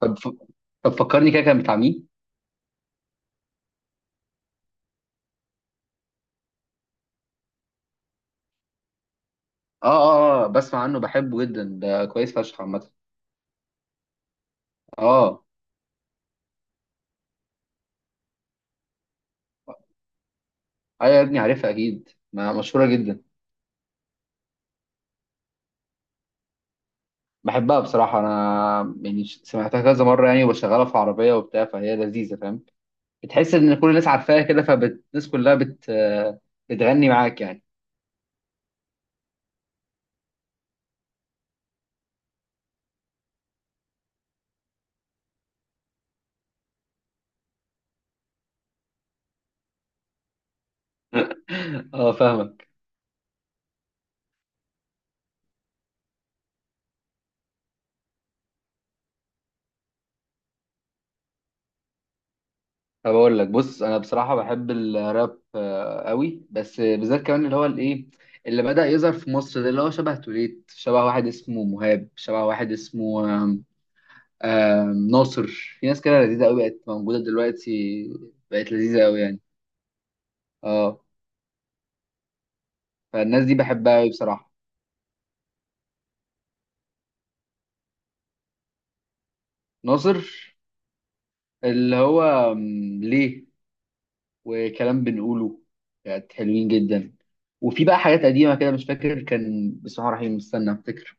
طب فكرني كده كان بتاع مين؟ اه بسمع عنه، بحبه جدا، ده كويس فشخ عامة. اه، ايوه يا ابني، عارفها اكيد، ما مشهورة جدا. بحبها بصراحة، انا يعني سمعتها كذا مرة يعني، وبشغلها في عربية وبتاع، فهي لذيذة، فاهم؟ بتحس ان كل الناس عارفاها كده، فالناس كلها بت آه، بتغني معاك يعني. اه فاهمك. طب اقول لك، بص انا بصراحه بحب الراب قوي، بس بالذات كمان اللي هو الايه اللي بدأ يظهر في مصر ده، اللي هو شبه توليت، شبه واحد اسمه مهاب، شبه واحد اسمه آم، آم، ناصر. في ناس كده لذيذه قوي بقت موجوده دلوقتي. بقت لذيذه قوي يعني. اه. فالناس دي بحبها قوي بصراحه. ناصر اللي هو ليه، وكلام بنقوله، كانت حلوين جدا. وفي بقى حاجات قديمه كده مش فاكر، كان بسم الله الرحمن الرحيم، استنى افتكر،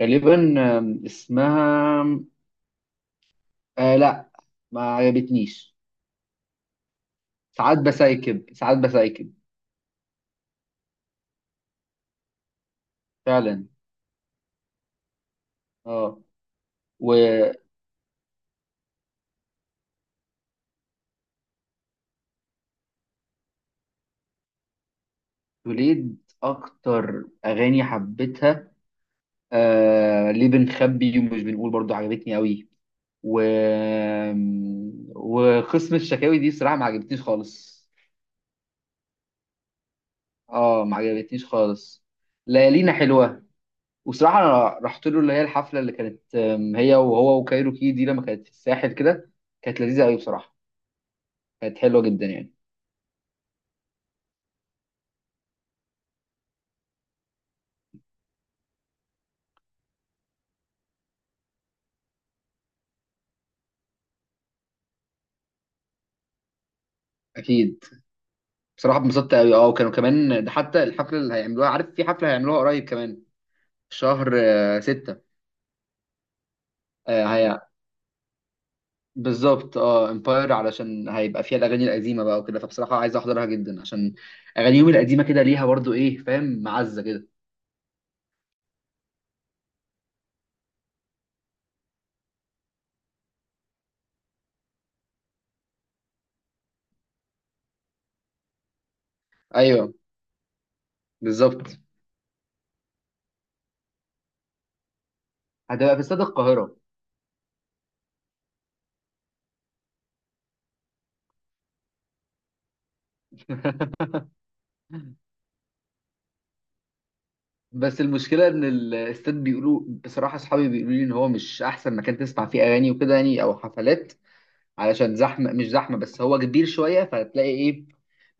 غالبا اسمها، آه لا، ما عجبتنيش. ساعات بسايكب فعلا. اه، وتوليد اكتر اغاني حبيتها آه ليه بنخبي ومش بنقول، برضو عجبتني قوي. و آم، وقسم الشكاوي دي بصراحة ما عجبتنيش خالص. اه ما عجبتنيش خالص. ليالينا حلوة، وصراحة أنا رحت له اللي هي الحفلة اللي كانت هي وهو وكايروكي دي لما كانت في الساحل كده. كانت لذيذة قوي بصراحة. كانت حلوه جدا يعني. اكيد. بصراحه اتبسطت قوي. اه، وكانوا كمان ده حتى الحفله اللي هيعملوها، عارف في حفله هيعملوها قريب كمان في شهر ستة. آه هي، بالظبط. اه امباير، علشان هيبقى فيها الاغاني القديمه بقى وكده، فبصراحه عايز احضرها جدا، عشان اغانيهم القديمه كده ليها برضو ايه، فاهم، معزه كده. ايوه، بالظبط. هتبقى في استاد القاهره. بس المشكله ان الاستاد بيقولوا، بصراحه اصحابي بيقولوا لي ان هو مش احسن مكان تسمع فيه اغاني وكده يعني، او حفلات، علشان زحمه، مش زحمه بس هو كبير شويه، فهتلاقي ايه،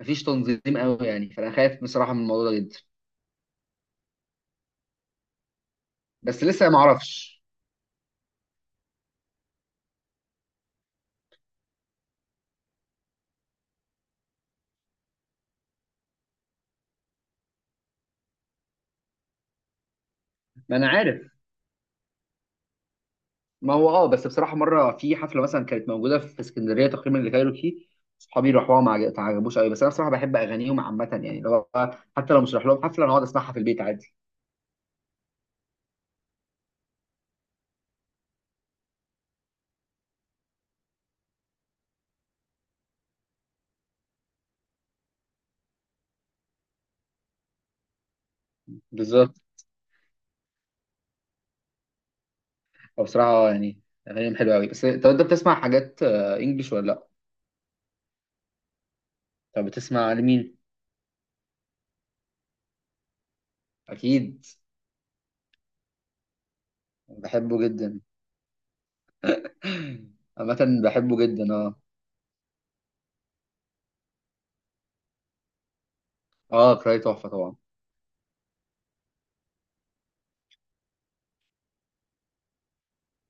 مفيش تنظيم قوي يعني، فانا خايف بصراحه من الموضوع ده جدا. بس لسه ما اعرفش. ما انا عارف. ما هو اه، بس بصراحه مره في حفله مثلا كانت موجوده في اسكندريه تقريبا اللي كايروكي، صحابي راحوها ما عجبوش قوي، بس انا بصراحه بحب اغانيهم عامه يعني، لو حتى لو مش رايح لهم حفله انا اقعد اسمعها في البيت عادي. بالظبط. فبصراحه يعني اغانيهم حلوه قوي. بس طب انت بتسمع حاجات انجلش ولا لا؟ طب بتسمع لمين؟ اكيد. بحبه جدا عامة. بحبه جدا اه. اه، كراي تحفة طبعا.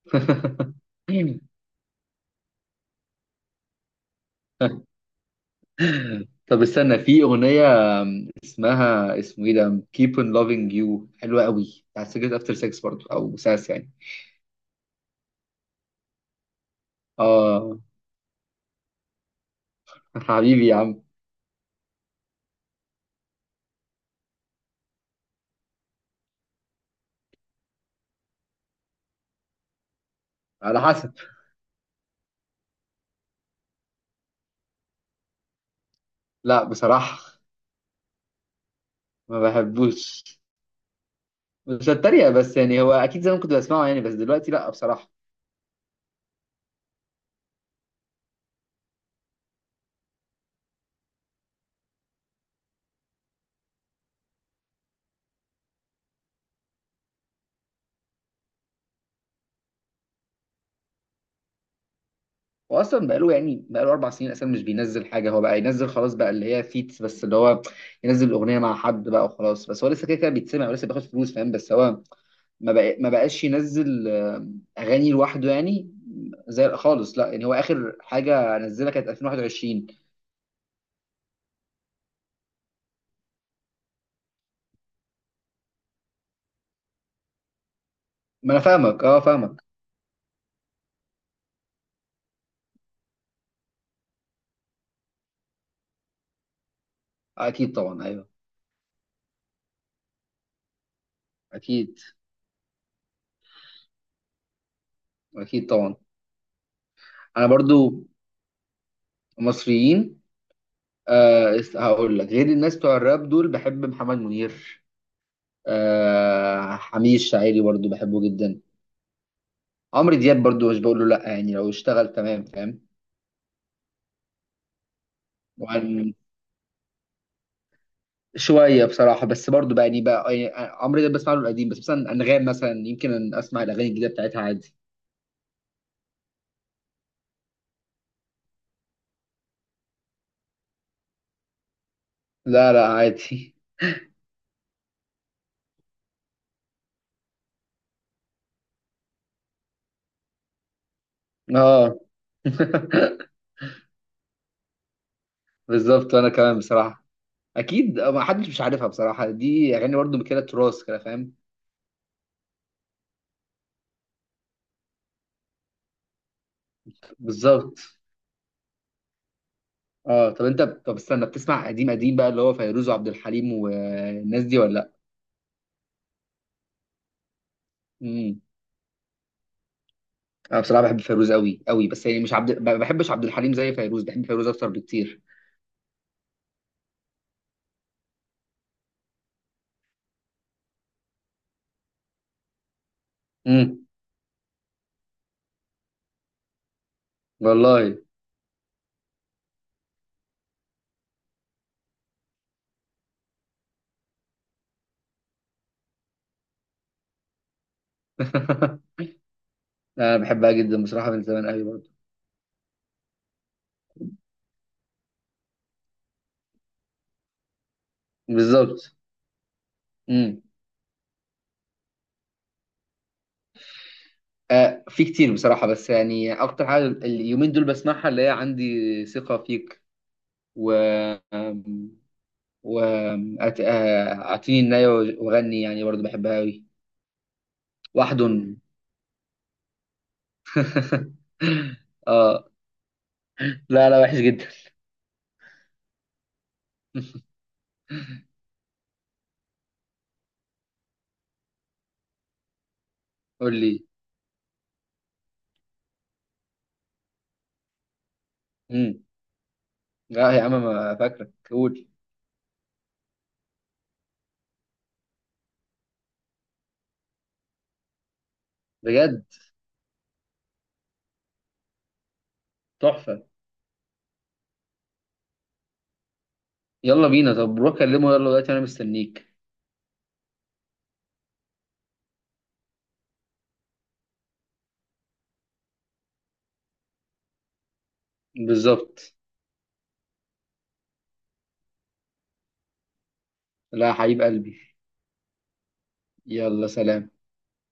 طب استنى، في أغنية اسمها، اسمه ايه ده، Keep on Loving You، حلوة قوي، بتاعت سجلت افتر سكس برضه او ساس يعني. اه. حبيبي يا عم. على حسب. لا بصراحة، ما بحبوش. مش هتريق، بس يعني هو اكيد زمان كنت بسمعه يعني، بس دلوقتي لا بصراحة. هو اصلا بقاله يعني، بقاله اربع سنين اصلا مش بينزل حاجه، هو بقى ينزل خلاص بقى اللي هي فيتس، بس اللي هو ينزل الاغنيه مع حد بقى وخلاص، بس هو لسه كده كده بيتسمع ولسه بياخد فلوس فاهم، بس هو ما بقاش ينزل اغاني لوحده يعني. زي خالص لا، يعني هو اخر حاجه نزلها كانت 2021. ما انا فاهمك، اه فاهمك. اكيد طبعا، ايوه. اكيد، اكيد طبعا. انا برضو. مصريين؟ آه هقول لك، غير الناس بتوع الراب دول، بحب محمد منير، آه حميد الشاعري برضو بحبه جدا، عمرو دياب برضو مش بقول له لا يعني لو اشتغل تمام، فاهم. وعن شويه بصراحه، بس برضو بقى يعني عمرو دياب بسمع له القديم، بس مثلا انغام مثلا يمكن أن اسمع الاغاني الجديده بتاعتها عادي. لا لا عادي. اه. بالظبط، وانا كمان بصراحه اكيد، ما حدش مش عارفها بصراحه، دي اغاني برضو كده تراث كده فاهم. بالظبط. اه، طب انت، طب استنى، بتسمع قديم قديم بقى اللي هو فيروز وعبد الحليم والناس دي ولا لا؟ امم. انا بصراحه بحب فيروز قوي قوي، بس يعني مش عبد، ما بحبش عبد الحليم زي فيروز، بحب فيروز اكتر بكتير. امم. والله. انا بحبها جدا بصراحه من زمان قوي برضه. بالظبط. امم. آه في كتير بصراحه، بس يعني اكتر حاجه اليومين دول بسمعها اللي هي عندي ثقه فيك، و آم، و آم، أت- آه، اعطيني النايه وغني يعني برضه بحبها قوي. وحد. اه لا لا، وحش جدا. قول لي. امم. لا يا عم ما فاكرك، قول. بجد تحفة. يلا بينا، طب روح كلمه يلا دلوقتي انا مستنيك. بالظبط. لا يا حبيب قلبي. يلا سلام.